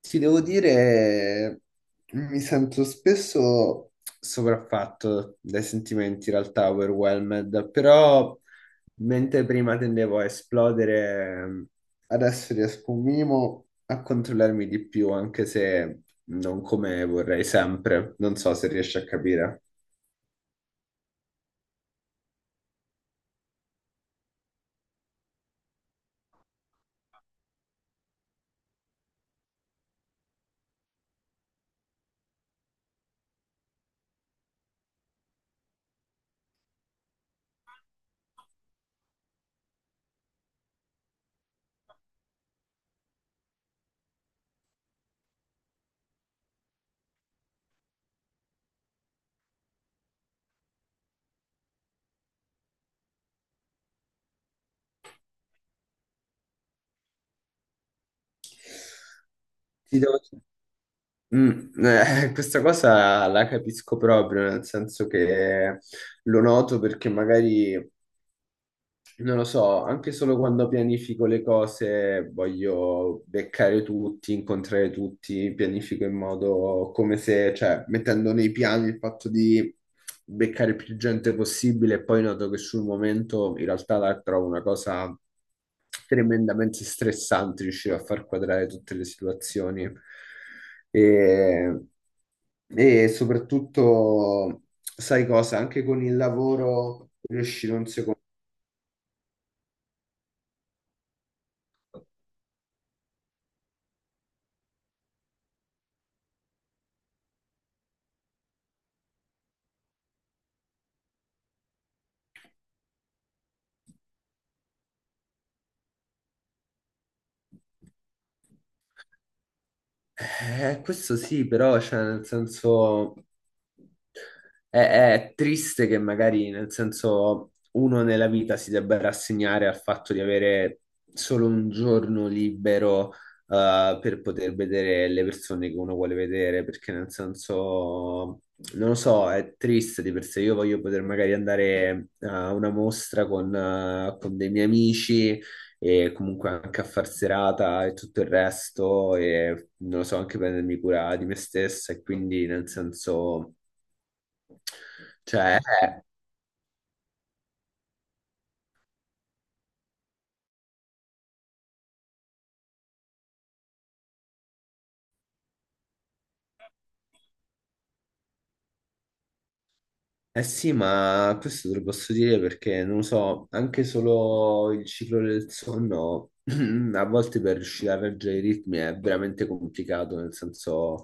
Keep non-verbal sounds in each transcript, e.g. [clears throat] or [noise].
Ti devo dire, mi sento spesso sopraffatto dai sentimenti, in realtà overwhelmed, però mentre prima tendevo a esplodere, adesso riesco un minimo a controllarmi di più, anche se non come vorrei sempre. Non so se riesci a capire. Ti devo- Questa cosa la capisco proprio, nel senso che lo noto perché magari non lo so, anche solo quando pianifico le cose voglio beccare tutti, incontrare tutti, pianifico in modo come se, cioè, mettendo nei piani il fatto di beccare più gente possibile e poi noto che sul momento in realtà la trovo una cosa tremendamente stressante riuscire a far quadrare tutte le situazioni. E, e soprattutto, sai cosa, anche con il lavoro riuscire un secondo. Questo sì, però, cioè, nel senso, è triste che magari, nel senso, uno nella vita si debba rassegnare al fatto di avere solo un giorno libero, per poter vedere le persone che uno vuole vedere, perché, nel senso, non lo so, è triste di per sé. Io voglio poter magari andare a una mostra con dei miei amici e comunque anche a far serata e tutto il resto e non lo so, anche prendermi cura di me stessa e quindi nel senso, cioè. Eh sì, ma questo te lo posso dire perché, non lo so, anche solo il ciclo del sonno, [clears throat] a volte per riuscire a reggere i ritmi è veramente complicato, nel senso,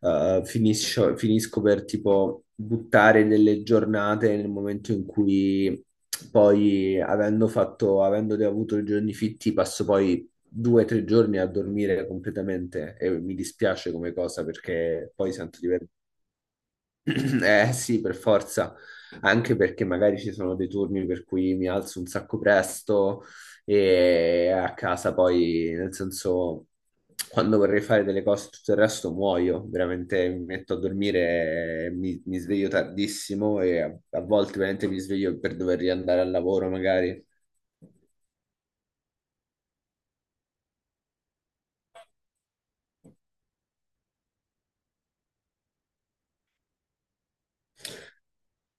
finisco per tipo buttare delle giornate nel momento in cui poi, avendo avuto i giorni fitti, passo poi 2 o 3 giorni a dormire completamente e mi dispiace come cosa perché poi sento di aver [clears throat] eh sì, per forza, anche perché magari ci sono dei turni per cui mi alzo un sacco presto e a casa poi, nel senso, quando vorrei fare delle cose, tutto il resto muoio, veramente mi metto a dormire, e mi sveglio tardissimo e a volte veramente mi sveglio per dover riandare al lavoro magari.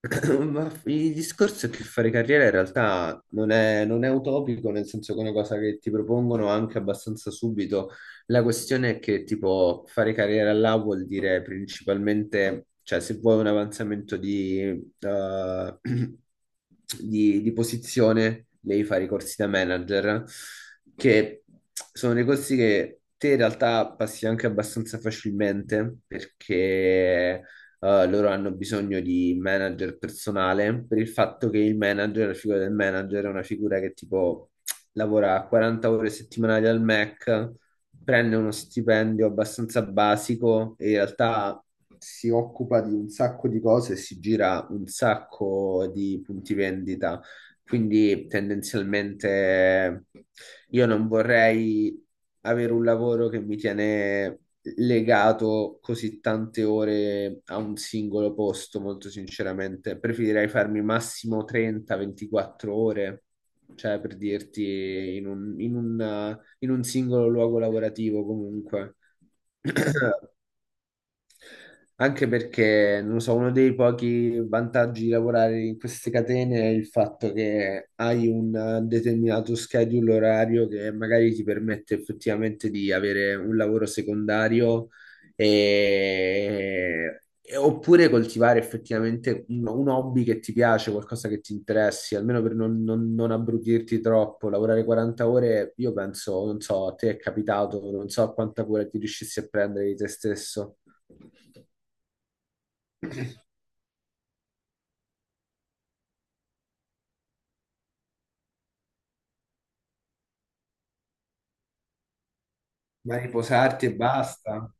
[coughs] [clears throat] Ma il discorso è che fare carriera in realtà non è utopico, nel senso che è una cosa che ti propongono anche abbastanza subito. La questione è che, tipo, fare carriera là vuol dire principalmente, cioè, se vuoi un avanzamento di, [coughs] [clears throat] di posizione, devi fare i corsi da manager, che sono dei corsi che te in realtà passi anche abbastanza facilmente perché loro hanno bisogno di manager personale per il fatto che la figura del manager è una figura che tipo lavora 40 ore settimanali al Mac, prende uno stipendio abbastanza basico e in realtà si occupa di un sacco di cose e si gira un sacco di punti vendita. Quindi tendenzialmente io non vorrei avere un lavoro che mi tiene legato così tante ore a un singolo posto, molto sinceramente. Preferirei farmi massimo 30-24 ore, cioè per dirti in un singolo luogo lavorativo comunque. [clears throat] Anche perché, non lo so, uno dei pochi vantaggi di lavorare in queste catene è il fatto che hai un determinato schedule orario che magari ti permette effettivamente di avere un lavoro secondario e... oppure coltivare effettivamente un hobby che ti piace, qualcosa che ti interessi, almeno per non abbrutirti troppo. Lavorare 40 ore, io penso, non so, a te è capitato, non so quanta cura ti riuscissi a prendere di te stesso. Ma riposarti e basta.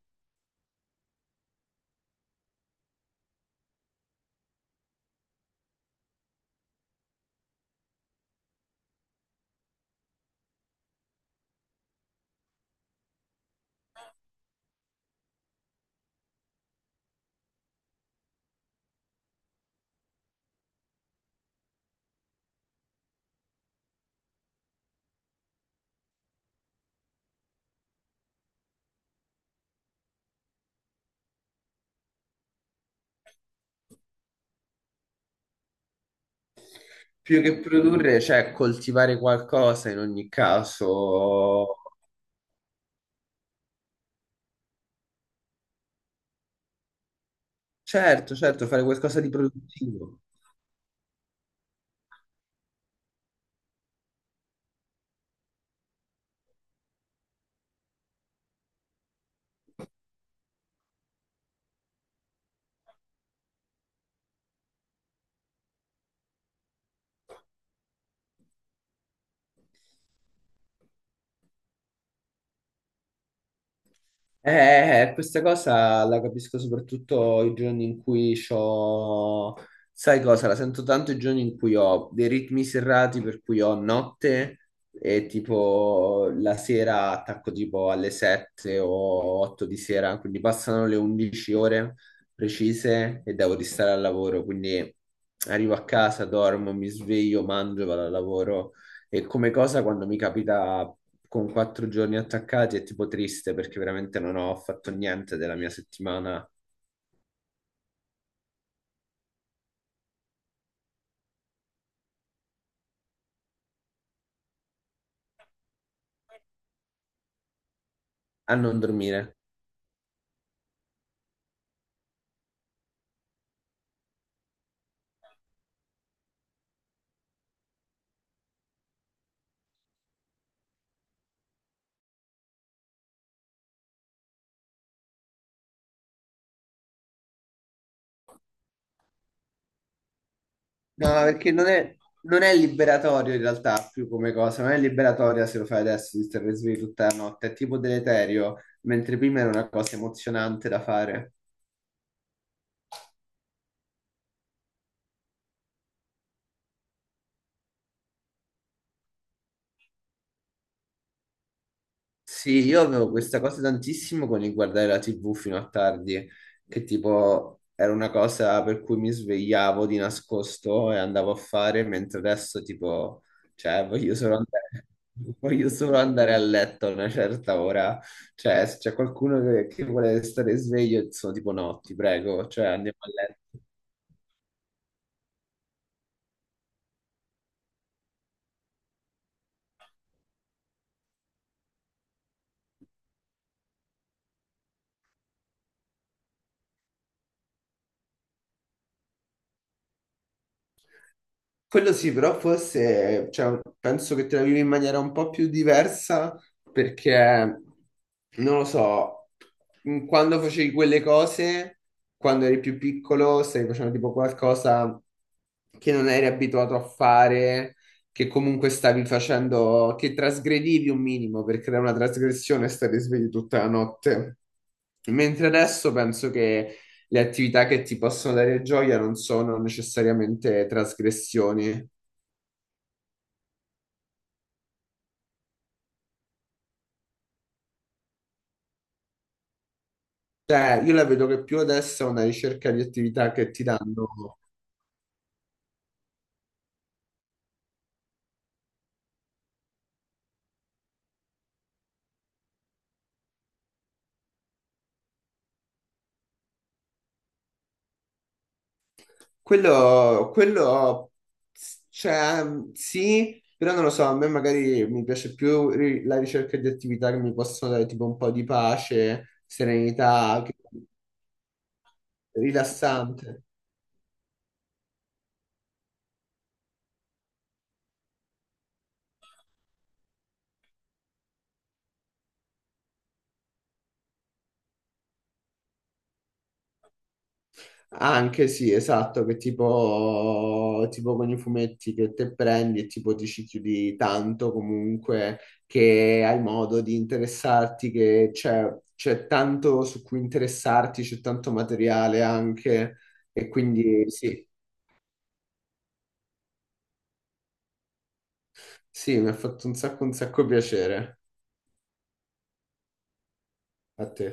Più che produrre, cioè coltivare qualcosa in ogni caso. Certo, certo, fare qualcosa di produttivo. Questa cosa la capisco soprattutto i giorni in cui ho, sai cosa, la sento tanto i giorni in cui ho dei ritmi serrati per cui ho notte e tipo la sera attacco tipo alle 7 o 8 di sera, quindi passano le 11 ore precise e devo restare al lavoro, quindi arrivo a casa, dormo, mi sveglio, mangio, vado al lavoro e come cosa quando mi capita con 4 giorni attaccati è tipo triste perché veramente non ho fatto niente della mia settimana a non dormire. No, perché non è liberatorio in realtà più come cosa, non è liberatoria se lo fai adesso di stare svegli tutta la notte, è tipo deleterio, mentre prima era una cosa emozionante da fare. Sì, io avevo questa cosa tantissimo con il guardare la TV fino a tardi, che tipo era una cosa per cui mi svegliavo di nascosto e andavo a fare, mentre adesso tipo, cioè, voglio solo andare, [laughs] voglio solo andare a letto a una certa ora. Cioè, se c'è che vuole stare sveglio, sono tipo no, ti prego, cioè andiamo a letto. Quello sì, però forse, cioè, penso che te la vivi in maniera un po' più diversa perché, non lo so, quando facevi quelle cose, quando eri più piccolo, stavi facendo tipo qualcosa che non eri abituato a fare, che comunque stavi facendo, che trasgredivi un minimo perché era una trasgressione stare svegli tutta la notte. Mentre adesso penso che le attività che ti possono dare gioia non sono necessariamente trasgressioni. Cioè, io la vedo che più adesso è una ricerca di attività che ti danno. Quello, quello, cioè, sì, però non lo so, a me magari mi piace più la ricerca di attività che mi possono dare tipo un po' di pace, serenità, che- rilassante. Anche sì, esatto, che tipo con i fumetti che te prendi e tipo ti ci chiudi tanto comunque che hai modo di interessarti, che c'è c'è tanto su cui interessarti, c'è tanto materiale anche e quindi sì, sì, mi ha fatto un sacco piacere a te.